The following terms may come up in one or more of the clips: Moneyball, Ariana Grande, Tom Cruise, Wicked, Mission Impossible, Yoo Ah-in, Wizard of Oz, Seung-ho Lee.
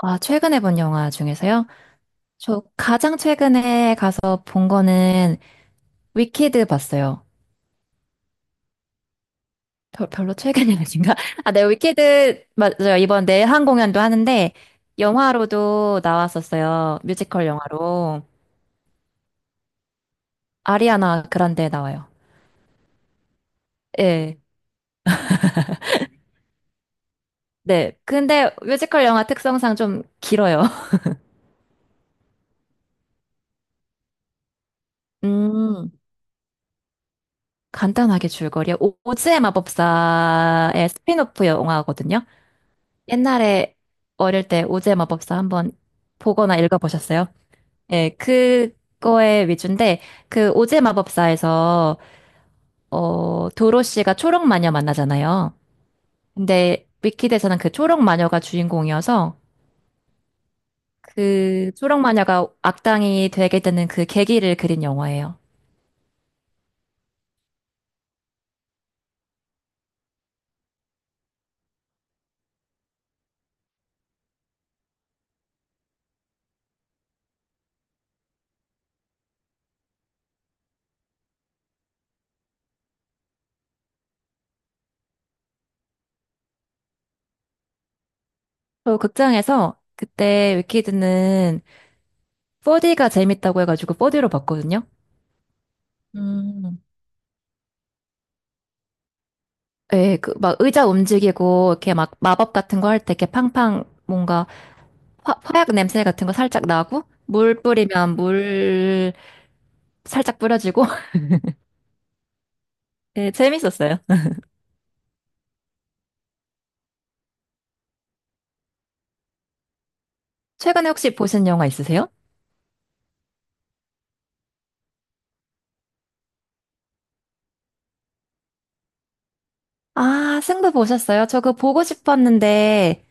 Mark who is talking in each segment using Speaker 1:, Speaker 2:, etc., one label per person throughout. Speaker 1: 아, 최근에 본 영화 중에서요? 저 가장 최근에 가서 본 거는 위키드 봤어요. 별로 최근이 아닌가? 위키드, 맞아요. 이번 내한 공연도 하는데, 영화로도 나왔었어요. 뮤지컬 영화로. 아리아나 그란데 나와요. 예. 네. 근데 뮤지컬 영화 특성상 좀 길어요. 음, 간단하게 줄거리요. 오즈의 마법사의 스피노프 영화거든요. 옛날에 어릴 때 오즈의 마법사 한번 보거나 읽어보셨어요? 예, 그거에 위주인데, 그 오즈의 마법사에서, 도로 씨가 초록 마녀 만나잖아요. 근데 위키드에서는 그 초록 마녀가 주인공이어서, 그 초록 마녀가 악당이 되게 되는 그 계기를 그린 영화예요. 저 극장에서 그때 위키드는 4D가 재밌다고 해가지고 4D로 봤거든요. 음. 예, 그, 막 의자 움직이고, 이렇게 막 마법 같은 거 할 때 이렇게 팡팡 뭔가 화약 냄새 같은 거 살짝 나고, 물 뿌리면 물 살짝 뿌려지고, 예, 재밌었어요. 최근에 혹시 보신 영화 있으세요? 아, 승부 보셨어요? 저 그거 보고 싶었는데,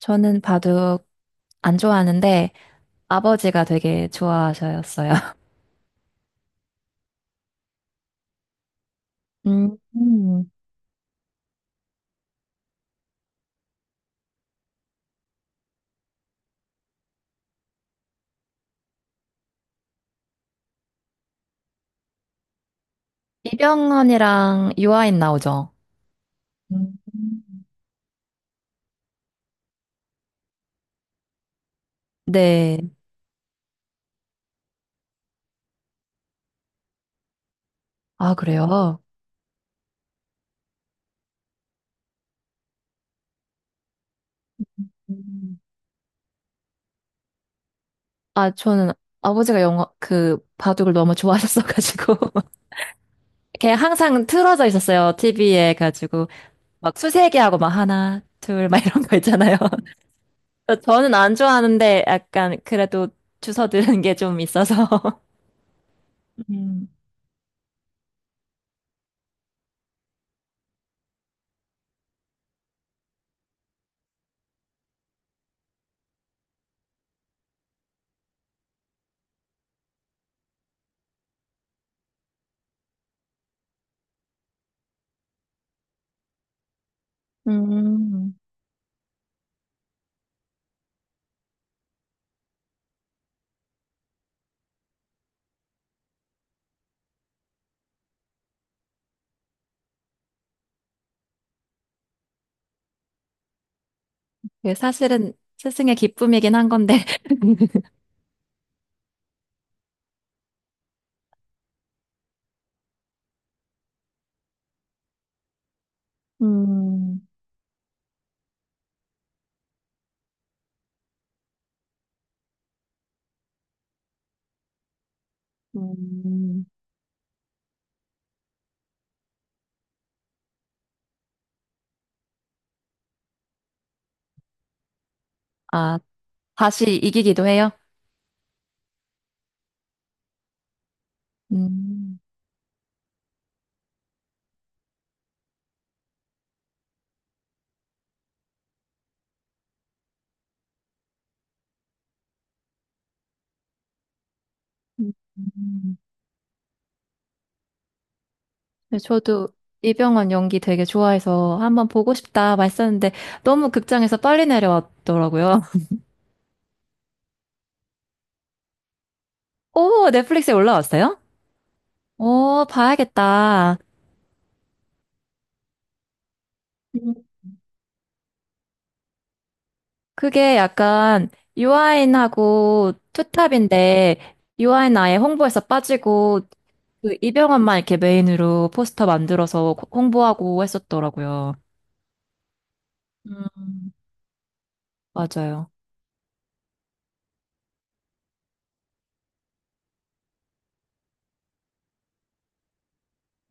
Speaker 1: 저는 바둑 안 좋아하는데, 아버지가 되게 좋아하셨어요. 음, 음. 이병헌이랑 유아인 나오죠? 음. 네. 아, 그래요? 음. 아, 저는 아버지가 영화, 그, 바둑을 너무 좋아하셨어가지고. 그냥 항상 틀어져 있었어요. TV에 가지고. 막 수세기하고 막 하나, 둘, 막 이런 거 있잖아요. 저는 안 좋아하는데 약간 그래도 주워 들은 게 좀 있어서. 음. 음. 그게 사실은 스승의 기쁨이긴 한 건데. 음. 음. 아, 다시 이기기도 해요? 음. 음. 네, 저도 이병헌 연기 되게 좋아해서 한번 보고 싶다 말했었는데 너무 극장에서 빨리 내려왔더라고요. 오, 넷플릭스에 올라왔어요? 오, 봐야겠다. 음. 그게 약간 유아인하고 투탑인데 유아인 아예 홍보에서 빠지고 그 이병헌만 이렇게 메인으로 포스터 만들어서 홍보하고 했었더라고요. 음. 맞아요.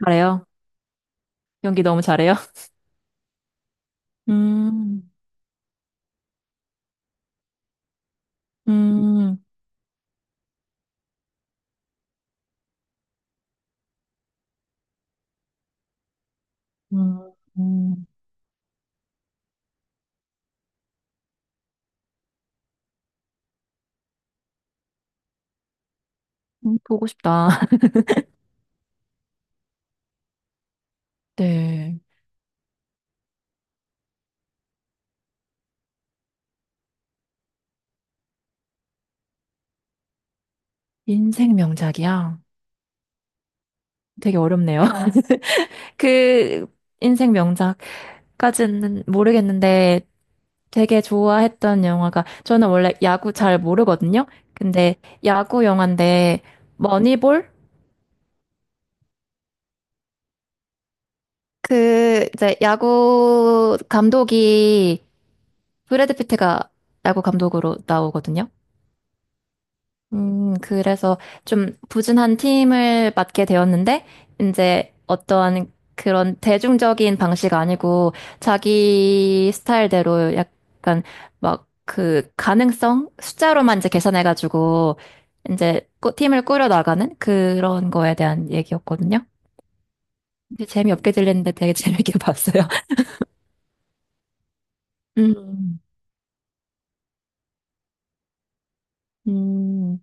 Speaker 1: 잘해요. 연기 너무 잘해요. 음, 음, 음. 음. 보고 싶다. 네. 인생 명작이야. 되게 어렵네요. 그 인생 명작까지는 모르겠는데 되게 좋아했던 영화가 저는 원래 야구 잘 모르거든요. 근데 야구 영화인데 머니볼? 그 이제 야구 감독이 브래드 피트가 야구 감독으로 나오거든요. 그래서 좀 부진한 팀을 맡게 되었는데, 이제 어떠한 그런 대중적인 방식 아니고, 자기 스타일대로 약간 막 그 가능성? 숫자로만 이제 계산해가지고, 이제 팀을 꾸려나가는 그런 거에 대한 얘기였거든요. 근데 재미없게 들리는데 되게 재밌게 봤어요. 음, 음.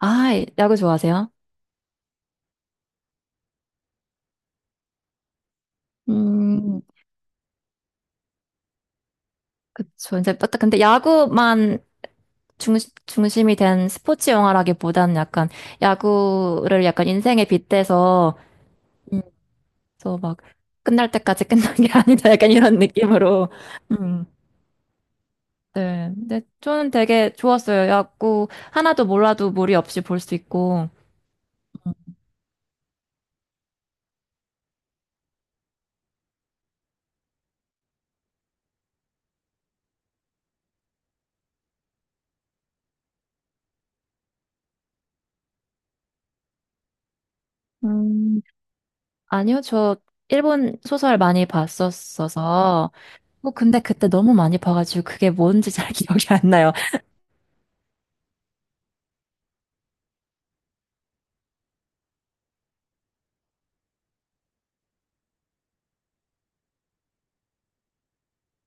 Speaker 1: 아, 야구 좋아하세요? 음, 그쵸. 이제, 근데 야구만 중, 중심이 된 스포츠 영화라기보다는 약간 야구를 약간 인생에 빗대서, 음, 그래서 막 끝날 때까지 끝난 게 아니다. 약간 이런 느낌으로. 음, 네. 근데 저는 되게 좋았어요. 야구 하나도 몰라도 무리 없이 볼 수 있고. 음, 아니요, 저 일본 소설 많이 봤었어서. 뭐, 근데 그때 너무 많이 봐가지고 그게 뭔지 잘 기억이 안 나요.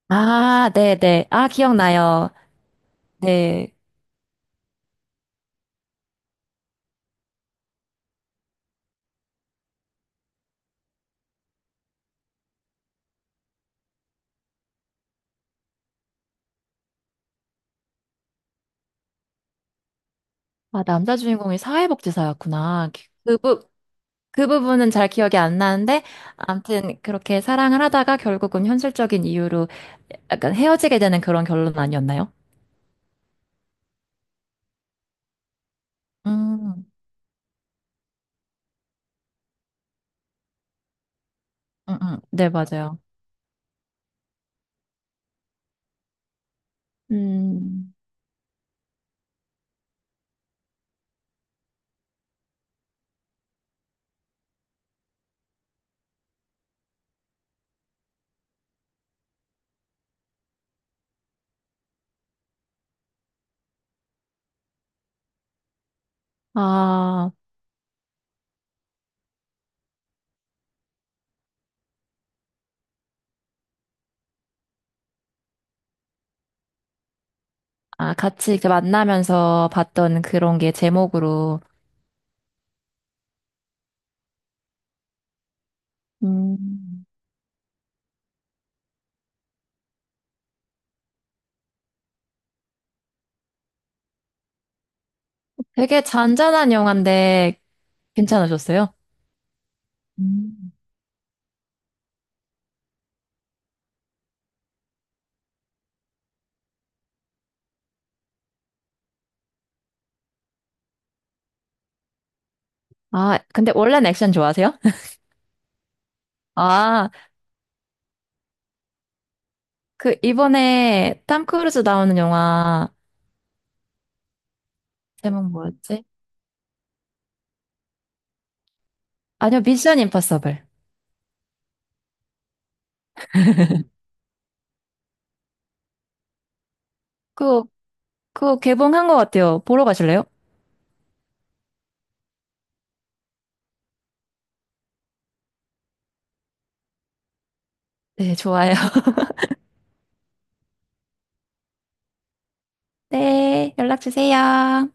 Speaker 1: 아, 네네. 아, 기억나요. 네. 아, 남자 주인공이 사회복지사였구나. 그 부분은 잘 기억이 안 나는데, 아무튼 그렇게 사랑을 하다가 결국은 현실적인 이유로 약간 헤어지게 되는 그런 결론 아니었나요? 음, 네, 맞아요. 음, 아, 같이 이렇게 만나면서 봤던 그런 게 제목으로. 음, 되게 잔잔한 영화인데 괜찮으셨어요? 음. 아, 근데 원래는 액션 좋아하세요? 아, 그 이번에 탐 크루즈 나오는 영화 제목 뭐였지? 아니요, 미션 임파서블. 그거 그거 개봉한 것 같아요. 보러 가실래요? 네, 좋아요. 네, 연락 주세요.